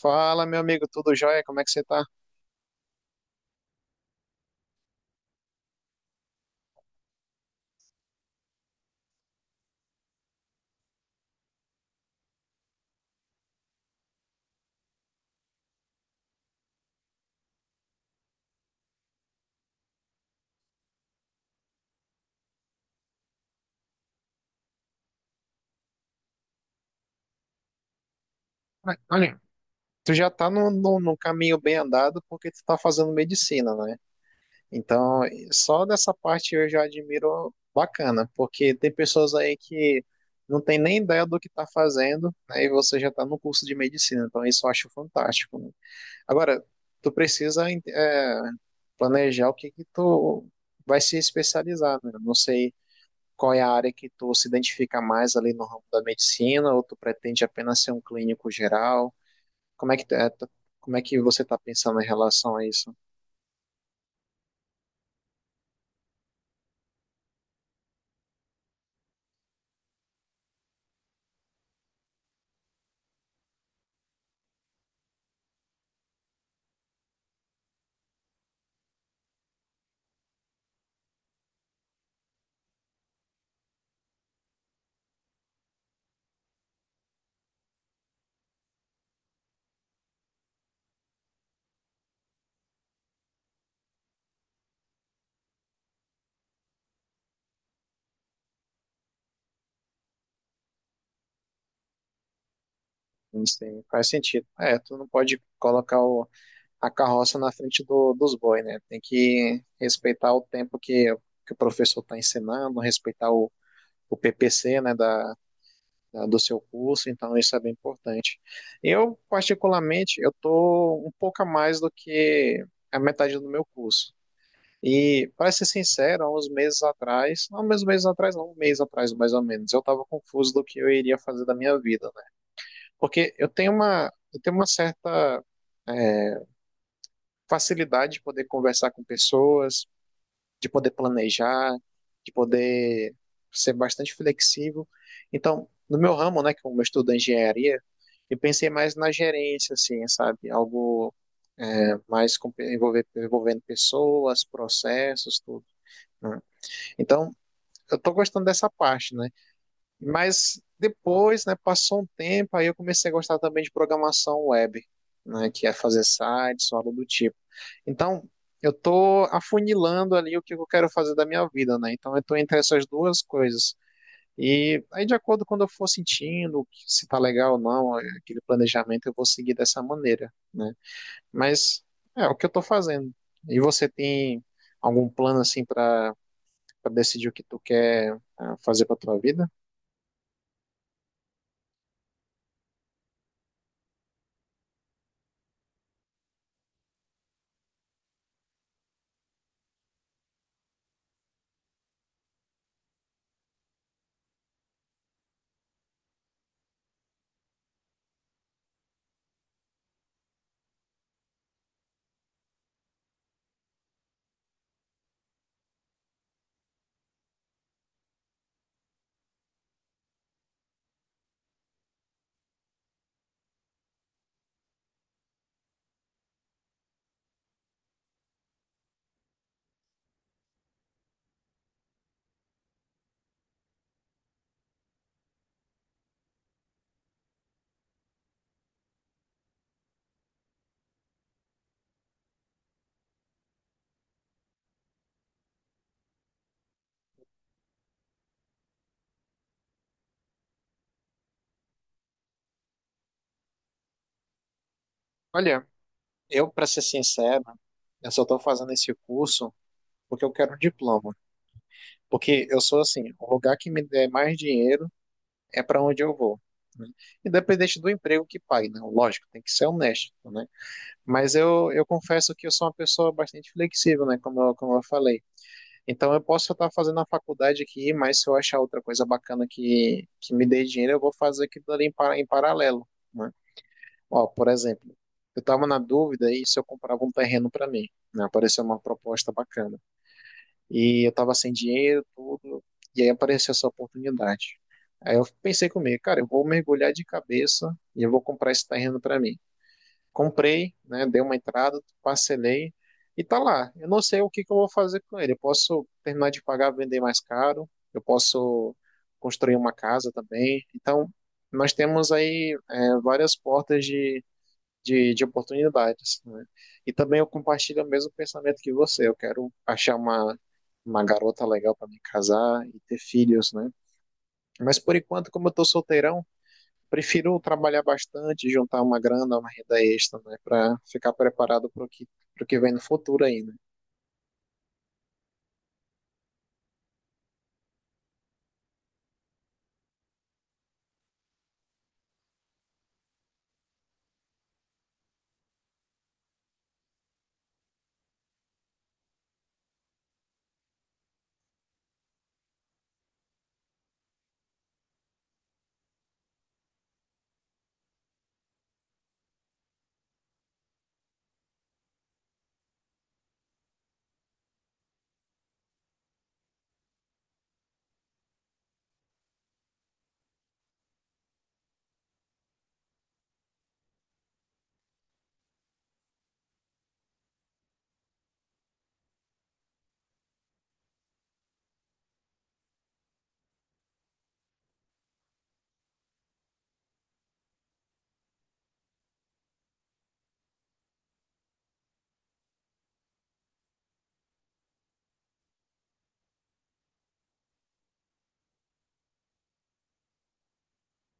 Fala, meu amigo, tudo jóia? Como é que você tá? Olha, tu já tá no, no caminho bem andado porque tu tá fazendo medicina, né? Então, só dessa parte eu já admiro bacana, porque tem pessoas aí que não tem nem ideia do que tá fazendo, né? E você já tá no curso de medicina, então isso eu acho fantástico. Né? Agora, tu precisa planejar o que que tu vai se especializar, né? Não sei qual é a área que tu se identifica mais ali no ramo da medicina, ou tu pretende apenas ser um clínico geral. Como é que, tu- é, tu- Como é que você está pensando em relação a isso? Não sei, faz sentido. É, tu não pode colocar a carroça na frente dos bois, né? Tem que respeitar o tempo que o professor está ensinando, respeitar o PPC, né, do seu curso, então isso é bem importante. Eu, particularmente, eu estou um pouco a mais do que a metade do meu curso. E, para ser sincero, há uns meses atrás, não, uns meses atrás, não, um mês atrás, mais ou menos, eu estava confuso do que eu iria fazer da minha vida, né? Porque eu tenho uma, Eu tenho uma certa é, facilidade de poder conversar com pessoas, de poder planejar, de poder ser bastante flexível. Então, no meu ramo, né, que eu estudo engenharia, eu pensei mais na gerência, assim, sabe? Algo mais envolver, envolvendo pessoas, processos, tudo. Né? Então, eu estou gostando dessa parte, né? Mas depois, né, passou um tempo, aí eu comecei a gostar também de programação web, né, que é fazer sites, ou algo do tipo. Então, eu tô afunilando ali o que eu quero fazer da minha vida, né? Então, eu estou entre essas duas coisas. E aí, de acordo com quando eu for sentindo se tá legal ou não, aquele planejamento, eu vou seguir dessa maneira, né? Mas é o que eu estou fazendo. E você tem algum plano assim para para decidir o que tu quer fazer para tua vida? Olha, eu, para ser sincero, eu só estou fazendo esse curso porque eu quero um diploma. Porque eu sou assim, o lugar que me der mais dinheiro é para onde eu vou. Né? Independente do emprego que pague, né? Lógico, tem que ser honesto, né? Eu confesso que eu sou uma pessoa bastante flexível, né? Como eu falei. Então eu posso estar fazendo a faculdade aqui, mas se eu achar outra coisa bacana que me dê dinheiro, eu vou fazer aquilo ali em paralelo. Né? Ó, por exemplo, eu estava na dúvida aí se eu comprava um terreno para mim, né? Apareceu uma proposta bacana. E eu estava sem dinheiro, tudo, e aí apareceu essa oportunidade. Aí eu pensei comigo, cara, eu vou mergulhar de cabeça e eu vou comprar esse terreno para mim. Comprei, né? Dei uma entrada, parcelei e tá lá. Eu não sei o que que eu vou fazer com ele. Eu posso terminar de pagar, vender mais caro, eu posso construir uma casa também. Então, nós temos aí várias portas de oportunidades, né? E também eu compartilho o mesmo pensamento que você. Eu quero achar uma garota legal para me casar e ter filhos, né? Mas por enquanto, como eu estou solteirão, prefiro trabalhar bastante, juntar uma grana, uma renda extra, né? Para ficar preparado para pro que vem no futuro ainda.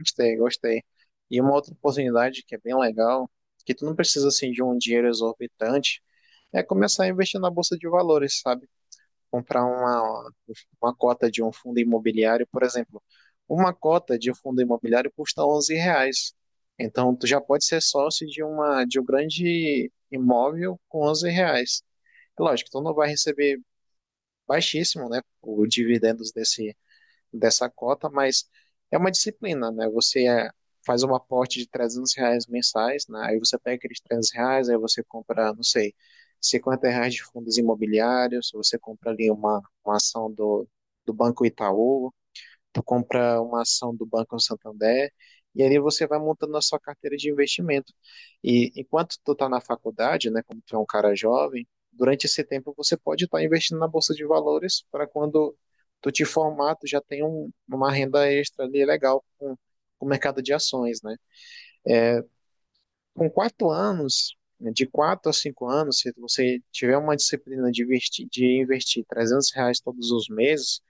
Gostei, gostei. E uma outra oportunidade que é bem legal, que tu não precisa assim de um dinheiro exorbitante, é começar a investir na bolsa de valores, sabe? Comprar uma cota de um fundo imobiliário, por exemplo. Uma cota de um fundo imobiliário custa R$ 11. Então, tu já pode ser sócio de um grande imóvel com R$ 11. É lógico, tu não vai receber baixíssimo, né, o dividendos desse dessa cota, mas é uma disciplina, né? Faz um aporte de R$ 300 mensais, né? Aí você pega aqueles R$ 300, aí você compra, não sei, R$ 50 de fundos imobiliários, você compra ali uma ação do Banco Itaú, tu compra uma ação do Banco Santander e ali você vai montando a sua carteira de investimento. E enquanto tu tá na faculdade, né, como tu é um cara jovem, durante esse tempo você pode estar investindo na bolsa de valores para quando tu te formar, tu já tem uma renda extra ali legal com o mercado de ações, né? Com 4 anos, né, de 4 a 5 anos, se você tiver uma disciplina de investir R$ 300 todos os meses,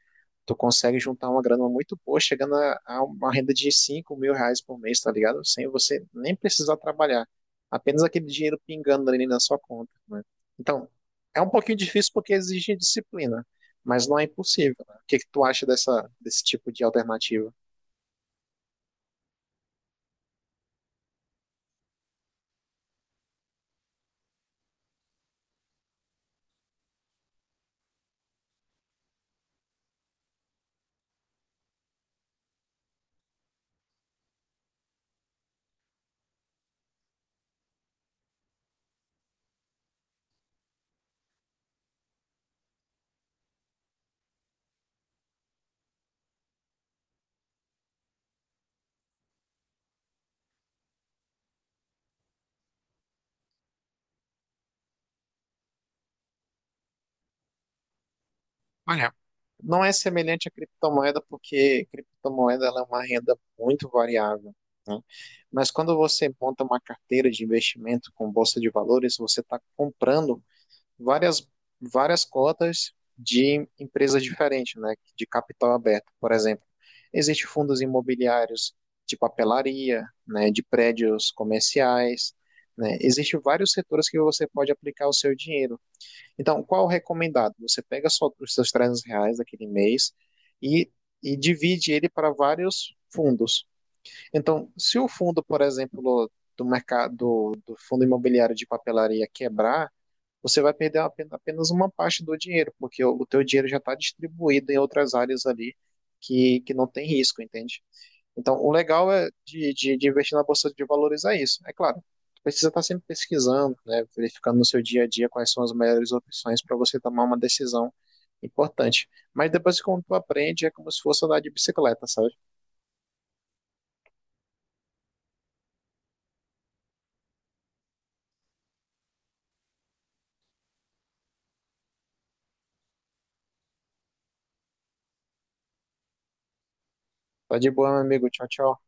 tu consegue juntar uma grana muito boa, chegando a uma renda de R$ 5.000 por mês, tá ligado? Sem você nem precisar trabalhar. Apenas aquele dinheiro pingando ali na sua conta, né? Então, é um pouquinho difícil porque exige disciplina, mas não é impossível, né? O que que tu acha desse tipo de alternativa? Olha, não é semelhante à criptomoeda porque criptomoeda ela é uma renda muito variável, né? Mas quando você monta uma carteira de investimento com bolsa de valores, você está comprando várias, várias cotas de empresas diferentes, né, de capital aberto, por exemplo. Existem fundos imobiliários de papelaria, né, de prédios comerciais, né? Existem vários setores que você pode aplicar o seu dinheiro. Então, qual o recomendado? Você pega só os seus R$ 300 daquele mês e, e divide ele para vários fundos. Então, se o fundo, por exemplo, do mercado do fundo imobiliário de papelaria quebrar, você vai perder apenas uma parte do dinheiro, porque o teu dinheiro já está distribuído em outras áreas ali que não tem risco, entende? Então, o legal de, investir na bolsa de valores é isso. É claro, precisa estar sempre pesquisando, né, verificando no seu dia a dia quais são as melhores opções para você tomar uma decisão importante. Mas depois, quando tu aprende, é como se fosse andar de bicicleta, sabe? Tá de boa, meu amigo. Tchau, tchau.